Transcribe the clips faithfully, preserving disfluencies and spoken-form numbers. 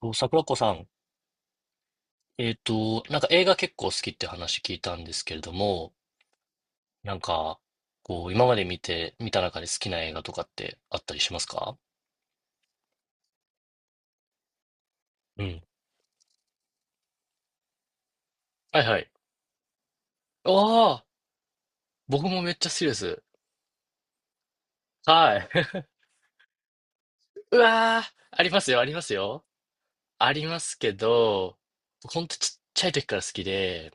そう桜子さん、えっと、なんか映画結構好きって話聞いたんですけれども、なんか、こう、今まで見て、見た中で好きな映画とかってあったりしますか？うん。はいはい。ああ、僕もめっちゃ好きです。はい。うわー、ありますよ、ありますよ。ありますけど、本ほんとちっちゃい時から好きで、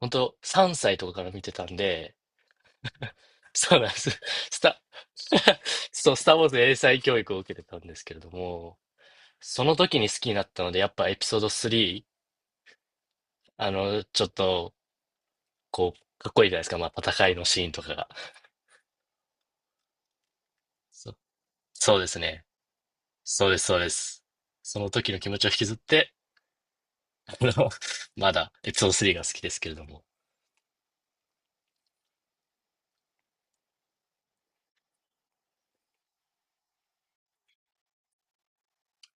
ほんとさんさいとかから見てたんで、そうなんです。スタ、そう、スター・ウォーズ英才教育を受けてたんですけれども、その時に好きになったので、やっぱエピソードスリー、あの、ちょっと、こう、かっこいいじゃないですか。まあ、戦いのシーンとかが。そ、そうですね。そうです、そうです。その時の気持ちを引きずって、あの、まだエピソードスリーが好きですけれども。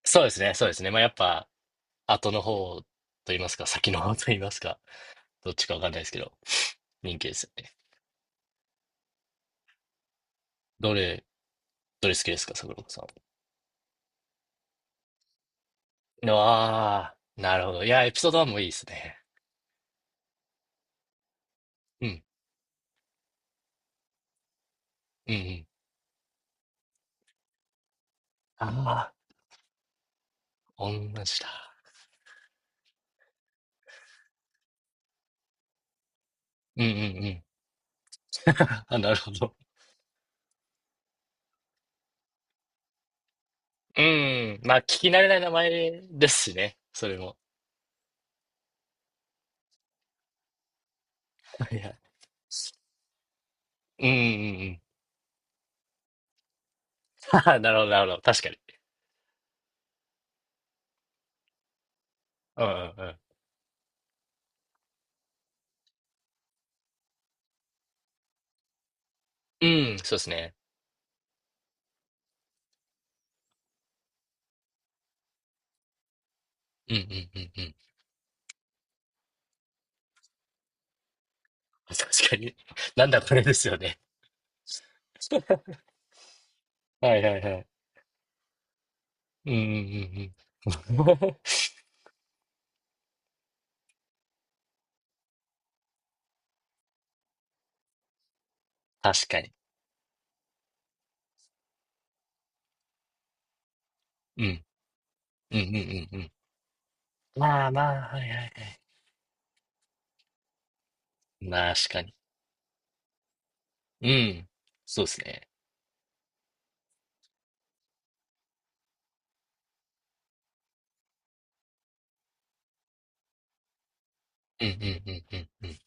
そうですね、そうですね。まあ、やっぱ、後の方と言いますか、先の方と言いますか、どっちかわかんないですけど、人気ですよね。どれ、どれ好きですか、桜子さん？ああ、なるほど。いや、エピソードワンもいいですね。うん、うん、うん。ああ、同じだ。うんうんうん。あ、なるほど。うん。まあ、聞き慣れない名前ですしね。それも。はいはい。うんうんうん。ははなるほど、なるほど。確かに。うんうんうん。うん、そうですね。うんうんうんうん。確かに。なんだこれですよね。はいはいはい。うんうんうんうん。確かに。うん。うんうんうんうん。まあまあ、はいはいはい。確かに。うん。そうですね。うんうんうんうんうん。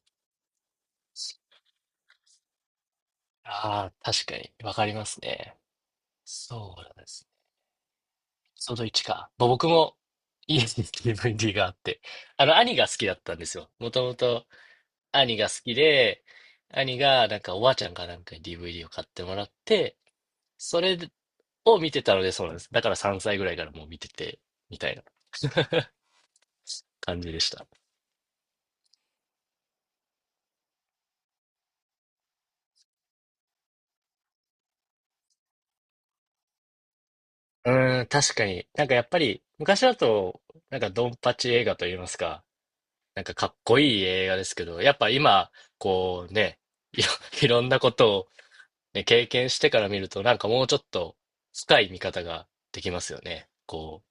ああ、確かに。わかりますね。そうなんですね。そのワンか。まあ、僕も家に ディーブイディー があって、あの、兄が好きだったんですよ。もともと兄が好きで、兄がなんかおばあちゃんかなんかに ディーブイディー を買ってもらって、それを見てたのでそうなんです。だからさんさいぐらいからもう見てて、みたいな感じでした。うーん、確かに。なんかやっぱり昔だと、なんかドンパチ映画といいますか、なんかかっこいい映画ですけど、やっぱ今、こうね、いろいろんなことをね、経験してから見ると、なんかもうちょっと深い見方ができますよね。こう。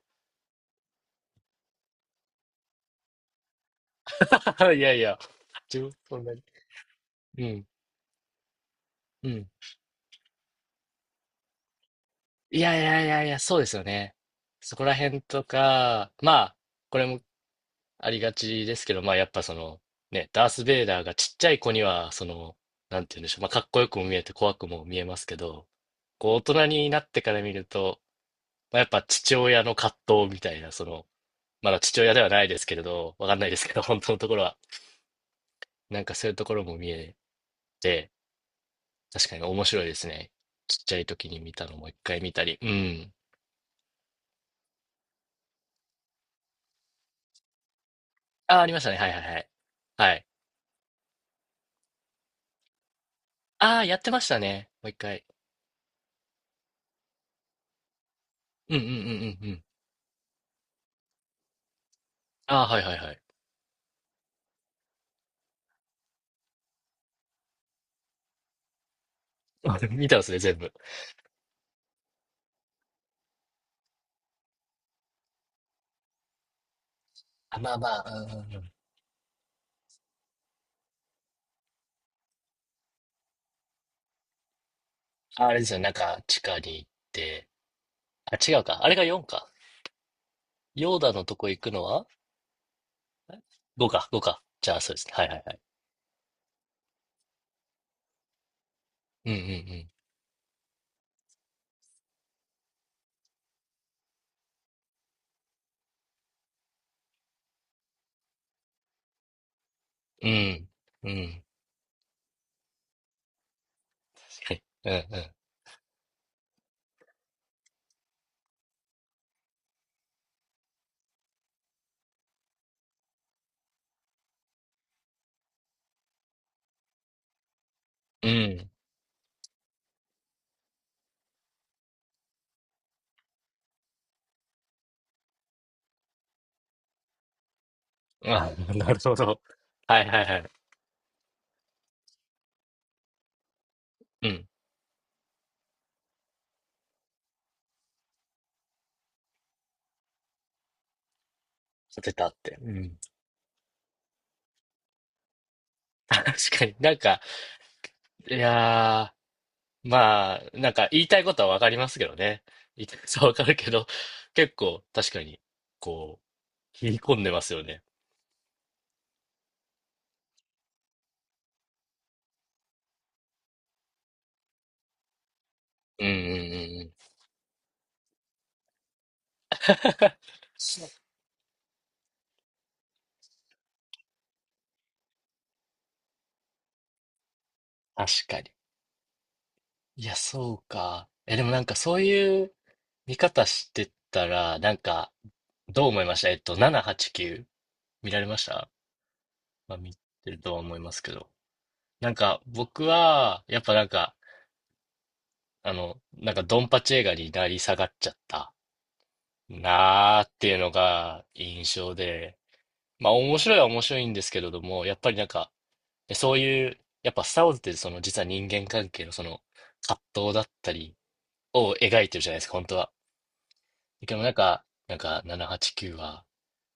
いやいや、自分、そんなに。うん、うん。いやいやいやいや、そうですよね。そこら辺とか、まあ、これもありがちですけど、まあやっぱその、ね、ダース・ベイダーがちっちゃい子には、その、なんて言うんでしょう、まあかっこよくも見えて怖くも見えますけど、こう大人になってから見ると、まあ、やっぱ父親の葛藤みたいな、その、まだ父親ではないですけれど、わかんないですけど、本当のところは、なんかそういうところも見えて、確かに面白いですね。ちっちゃい時に見たのもう一回見たり。うん。ああ、ありましたね。はいはいはい。はい。ああ、やってましたね。もう一回。うんうんうんうんうん。ああ、はいはいはい。あでも見たんですね、全部。あ、まあまあ、うんうんうん。ああれですよね、なんか地下に行って。あ、違うか。あれがフォーか。ヨーダのとこ行くのは ?ご か、ファイブか。じゃあ、そうですね。はいはいはい。うんうんうん。うん。うん。はい。うんうん。うん。あ、なるほど。はいはいはい。うん当てたって。うん。確かになんか、いやー、まあ、なんか言いたいことはわかりますけどね。言いたいことはわかるけど、結構確かに、こう、切り込んでますよね。うんうんうんうん。確かに。いや、そうか。え、でもなんかそういう見方してたら、なんか、どう思いました？えっと、ななはちきゅう見られました？まあ見てるとは思いますけど。なんか僕は、やっぱなんか、あの、なんかドンパチ映画になり下がっちゃったなーっていうのが印象で、まあ面白いは面白いんですけれども、やっぱりなんか、そういう、やっぱスター・ウォーズってその実は人間関係のその葛藤だったりを描いてるじゃないですか、本当は。でもなんか、なんかななはちきゅうはちきゅうは、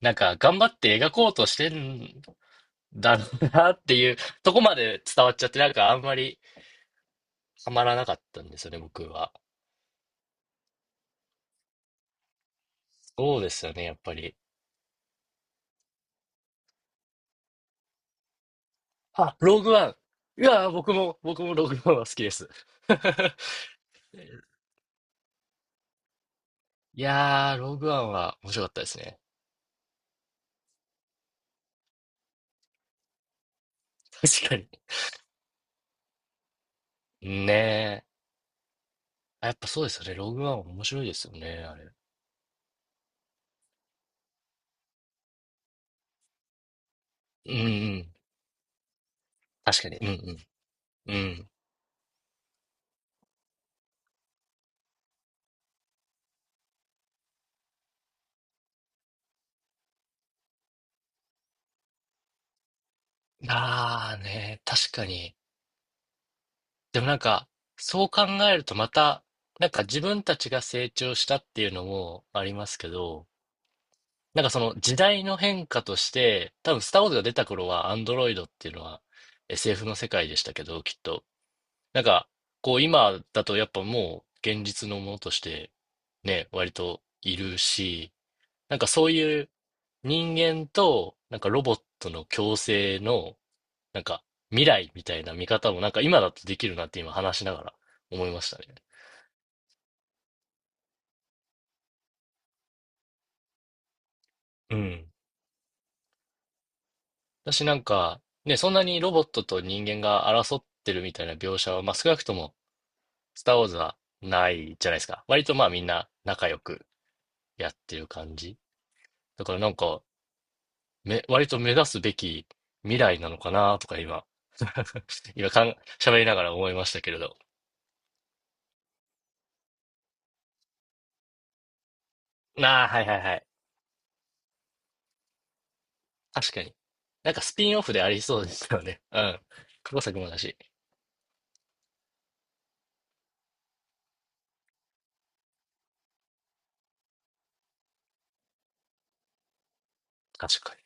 なんか頑張って描こうとしてんだろうなっていうとこまで伝わっちゃって、なんかあんまりハマらなかったんですよね、僕は。そうですよね、やっぱり。あ、ローグワン。いやー、僕も、僕もローグワンは好きです。いやー、ローグワンは面白かったですね。確かに。ねえ。あやっぱそうですよね。ローグワン面白いですよね、あれ。うんうん。確かに。うんうん。うん。ああね、確かに。でもなんか、そう考えるとまた、なんか自分たちが成長したっていうのもありますけど、なんかその時代の変化として、多分スター・ウォーズが出た頃はアンドロイドっていうのは エスエフ の世界でしたけど、きっと。なんか、こう今だとやっぱもう現実のものとしてね、割といるし、なんかそういう人間となんかロボットの共生のなんか未来みたいな見方もなんか今だとできるなって今話しながら思いましたね。うん。私なんかね、そんなにロボットと人間が争ってるみたいな描写は、まあ少なくともスター・ウォーズはないじゃないですか。割とまあみんな仲良くやってる感じ。だからなんか、め、割と目指すべき未来なのかなとか今、今かん、喋りながら思いましたけれど。ああ、はいはいはい。確かに。なんかスピンオフでありそうですよね。うん。過去作もだし。確かに。